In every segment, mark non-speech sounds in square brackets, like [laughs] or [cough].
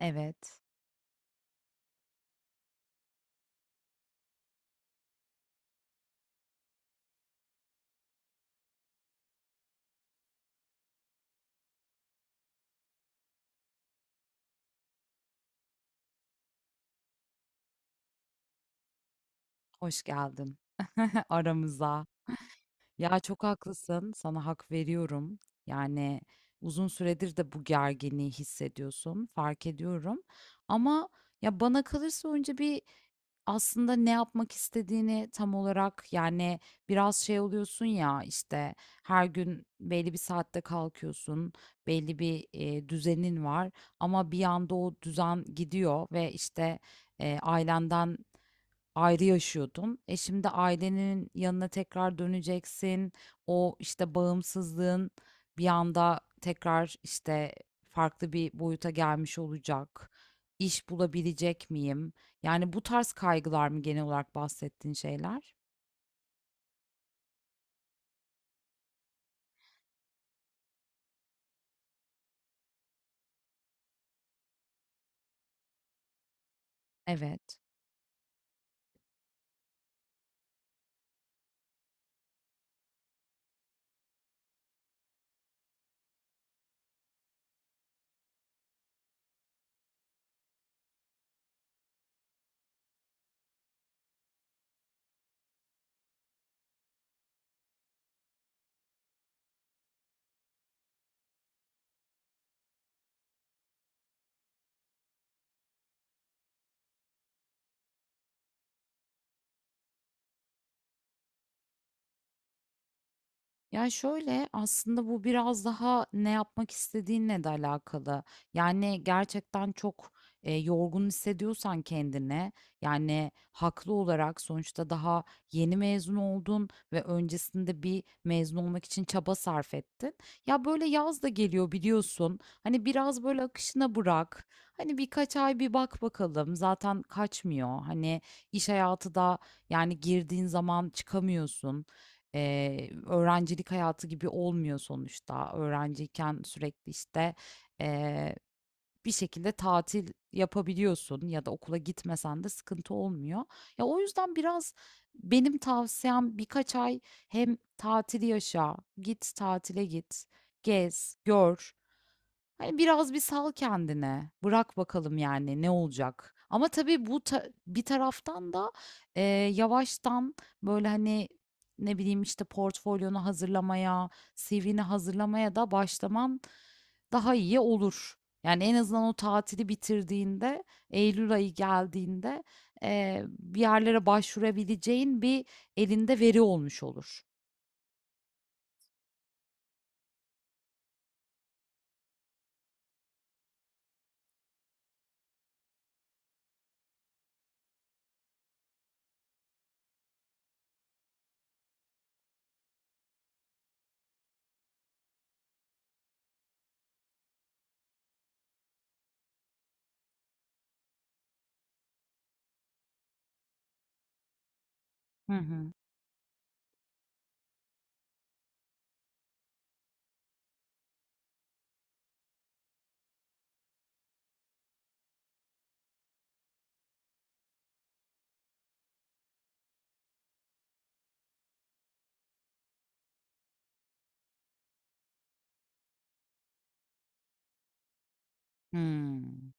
Evet, hoş geldin [laughs] aramıza. Ya çok haklısın, sana hak veriyorum. Yani uzun süredir de bu gerginliği hissediyorsun, fark ediyorum. Ama ya bana kalırsa önce bir aslında ne yapmak istediğini tam olarak yani biraz şey oluyorsun ya işte her gün belli bir saatte kalkıyorsun, belli bir düzenin var ama bir anda o düzen gidiyor ve işte ailenden ayrı yaşıyordun. E şimdi ailenin yanına tekrar döneceksin. O işte bağımsızlığın bir anda tekrar işte farklı bir boyuta gelmiş olacak. İş bulabilecek miyim? Yani bu tarz kaygılar mı genel olarak bahsettiğin şeyler? Evet. Ya şöyle aslında bu biraz daha ne yapmak istediğinle de alakalı. Yani gerçekten çok yorgun hissediyorsan kendine yani haklı olarak sonuçta daha yeni mezun oldun ve öncesinde bir mezun olmak için çaba sarf ettin. Ya böyle yaz da geliyor biliyorsun. Hani biraz böyle akışına bırak. Hani birkaç ay bir bak bakalım. Zaten kaçmıyor. Hani iş hayatı da yani girdiğin zaman çıkamıyorsun. Öğrencilik hayatı gibi olmuyor sonuçta. Öğrenciyken sürekli işte eee, bir şekilde tatil yapabiliyorsun ya da okula gitmesen de sıkıntı olmuyor. Ya o yüzden biraz benim tavsiyem birkaç ay hem tatili yaşa, git tatile git, gez, gör. Hani, biraz bir sal kendine. Bırak bakalım, yani, ne olacak? Ama tabii bu bir taraftan da, eee, yavaştan, böyle, hani, ne bileyim, işte, portfolyonu hazırlamaya, CV'ni hazırlamaya da başlaman daha iyi olur. Yani, en azından o tatili bitirdiğinde, eylül ayı geldiğinde, bir yerlere başvurabileceğin bir elinde veri olmuş olur. Hı hı. Hımm.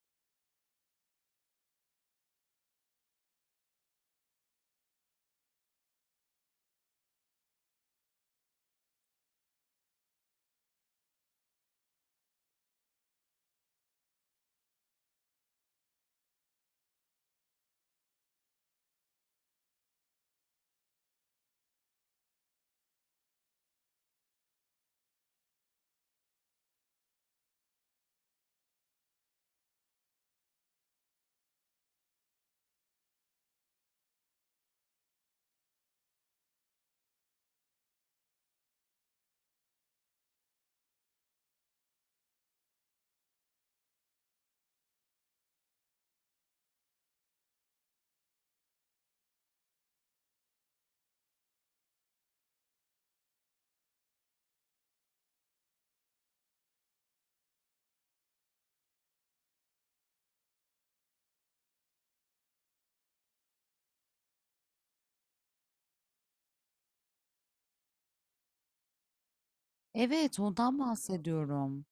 Evet, ondan bahsediyorum.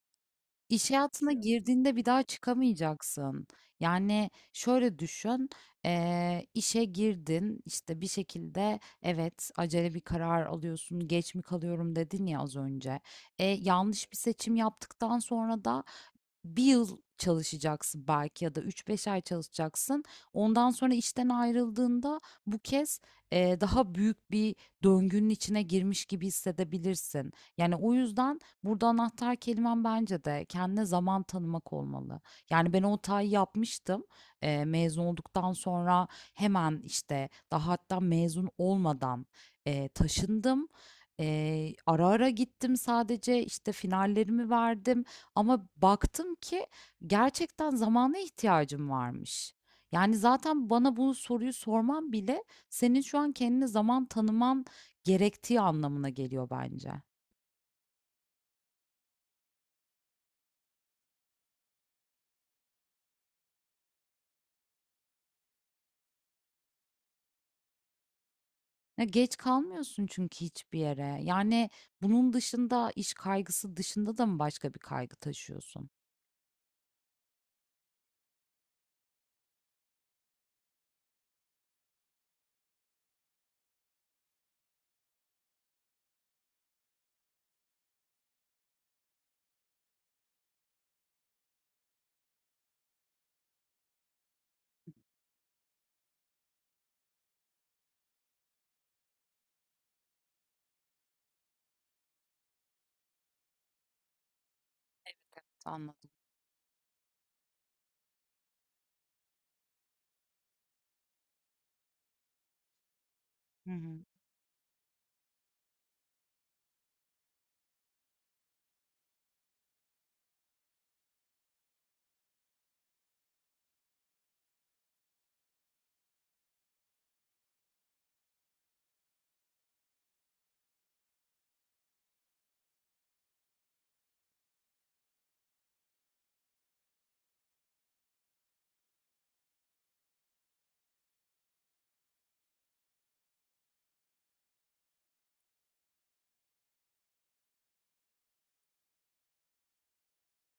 İş hayatına girdiğinde bir daha çıkamayacaksın. Yani şöyle düşün, işe girdin, işte bir şekilde evet acele bir karar alıyorsun, geç mi kalıyorum dedin ya az önce. Yanlış bir seçim yaptıktan sonra da bir yıl çalışacaksın belki ya da üç beş ay çalışacaksın. Ondan sonra işten ayrıldığında bu kez daha büyük bir döngünün içine girmiş gibi hissedebilirsin. Yani o yüzden burada anahtar kelimen bence de kendine zaman tanımak olmalı. Yani ben o hatayı yapmıştım. Mezun olduktan sonra hemen işte daha hatta mezun olmadan taşındım. Ara ara gittim sadece işte finallerimi verdim. Ama baktım ki gerçekten zamana ihtiyacım varmış. Yani zaten bana bu soruyu sorman bile senin şu an kendine zaman tanıman gerektiği anlamına geliyor bence. Ya geç kalmıyorsun çünkü hiçbir yere. Yani bunun dışında iş kaygısı dışında da mı başka bir kaygı taşıyorsun? Anladım. Hı hı.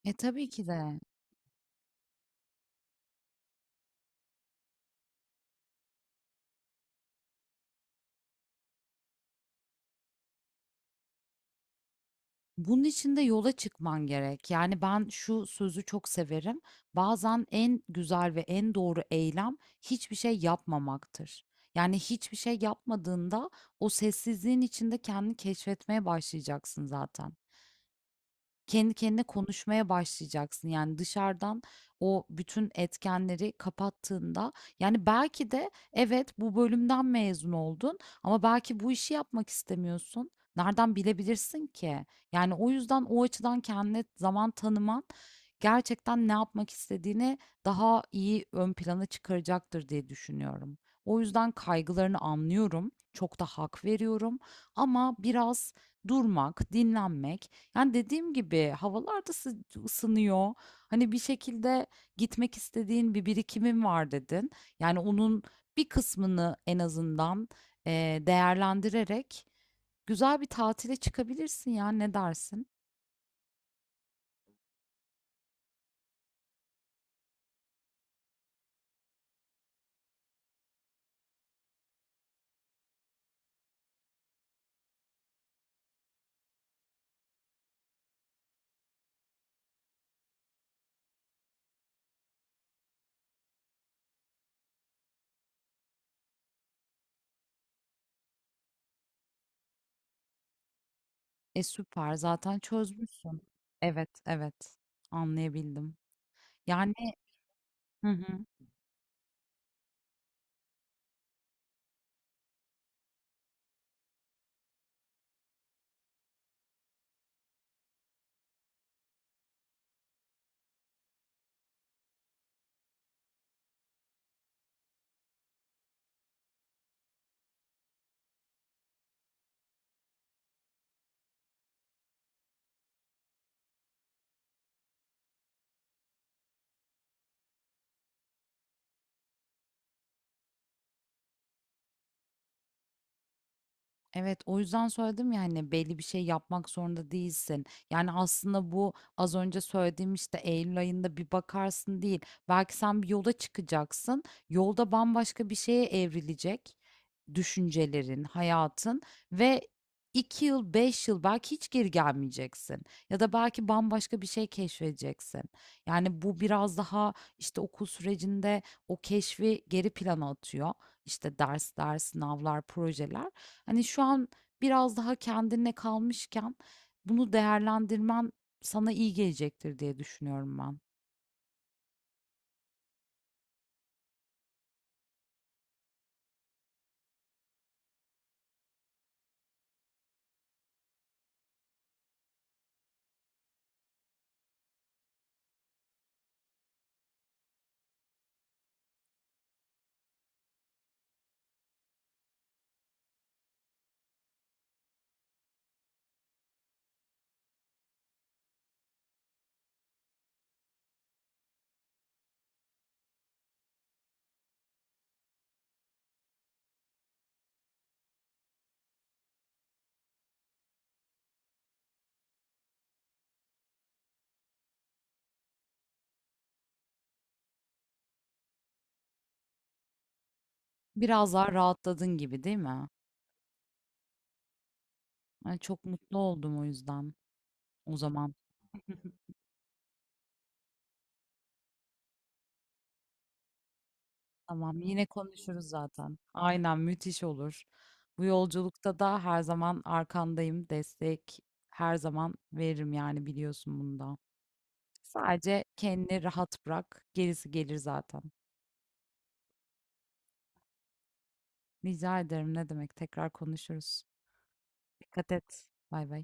E tabii ki de. Bunun için de yola çıkman gerek. Yani ben şu sözü çok severim. Bazen en güzel ve en doğru eylem hiçbir şey yapmamaktır. Yani hiçbir şey yapmadığında o sessizliğin içinde kendini keşfetmeye başlayacaksın zaten kendi kendine konuşmaya başlayacaksın. Yani dışarıdan o bütün etkenleri kapattığında yani belki de evet bu bölümden mezun oldun ama belki bu işi yapmak istemiyorsun. Nereden bilebilirsin ki? Yani o yüzden o açıdan kendine zaman tanıman gerçekten ne yapmak istediğini daha iyi ön plana çıkaracaktır diye düşünüyorum. O yüzden kaygılarını anlıyorum. Çok da hak veriyorum ama biraz durmak, dinlenmek yani dediğim gibi havalar da ısınıyor. Hani bir şekilde gitmek istediğin bir birikimin var dedin. Yani onun bir kısmını en azından değerlendirerek güzel bir tatile çıkabilirsin ya ne dersin? E süper zaten çözmüşsün. Evet, evet, anlayabildim. Yani hı hı. Evet, o yüzden söyledim ya hani belli bir şey yapmak zorunda değilsin. Yani aslında bu az önce söylediğim işte Eylül ayında bir bakarsın değil. Belki sen bir yola çıkacaksın. Yolda bambaşka bir şeye evrilecek düşüncelerin, hayatın ve 2 yıl, 5 yıl belki hiç geri gelmeyeceksin. Ya da belki bambaşka bir şey keşfedeceksin. Yani bu biraz daha işte okul sürecinde o keşfi geri plana atıyor. İşte dersler, sınavlar, projeler. Hani şu an biraz daha kendine kalmışken bunu değerlendirmen sana iyi gelecektir diye düşünüyorum ben. Biraz daha rahatladın gibi değil mi? Ay, çok mutlu oldum o yüzden. O zaman [laughs] tamam, yine konuşuruz zaten. Aynen, müthiş olur. Bu yolculukta da her zaman arkandayım. Destek her zaman veririm, yani biliyorsun bunu. Sadece kendini rahat bırak. Gerisi gelir zaten. Rica ederim, ne demek. Tekrar konuşuruz. Dikkat et. Bay bay.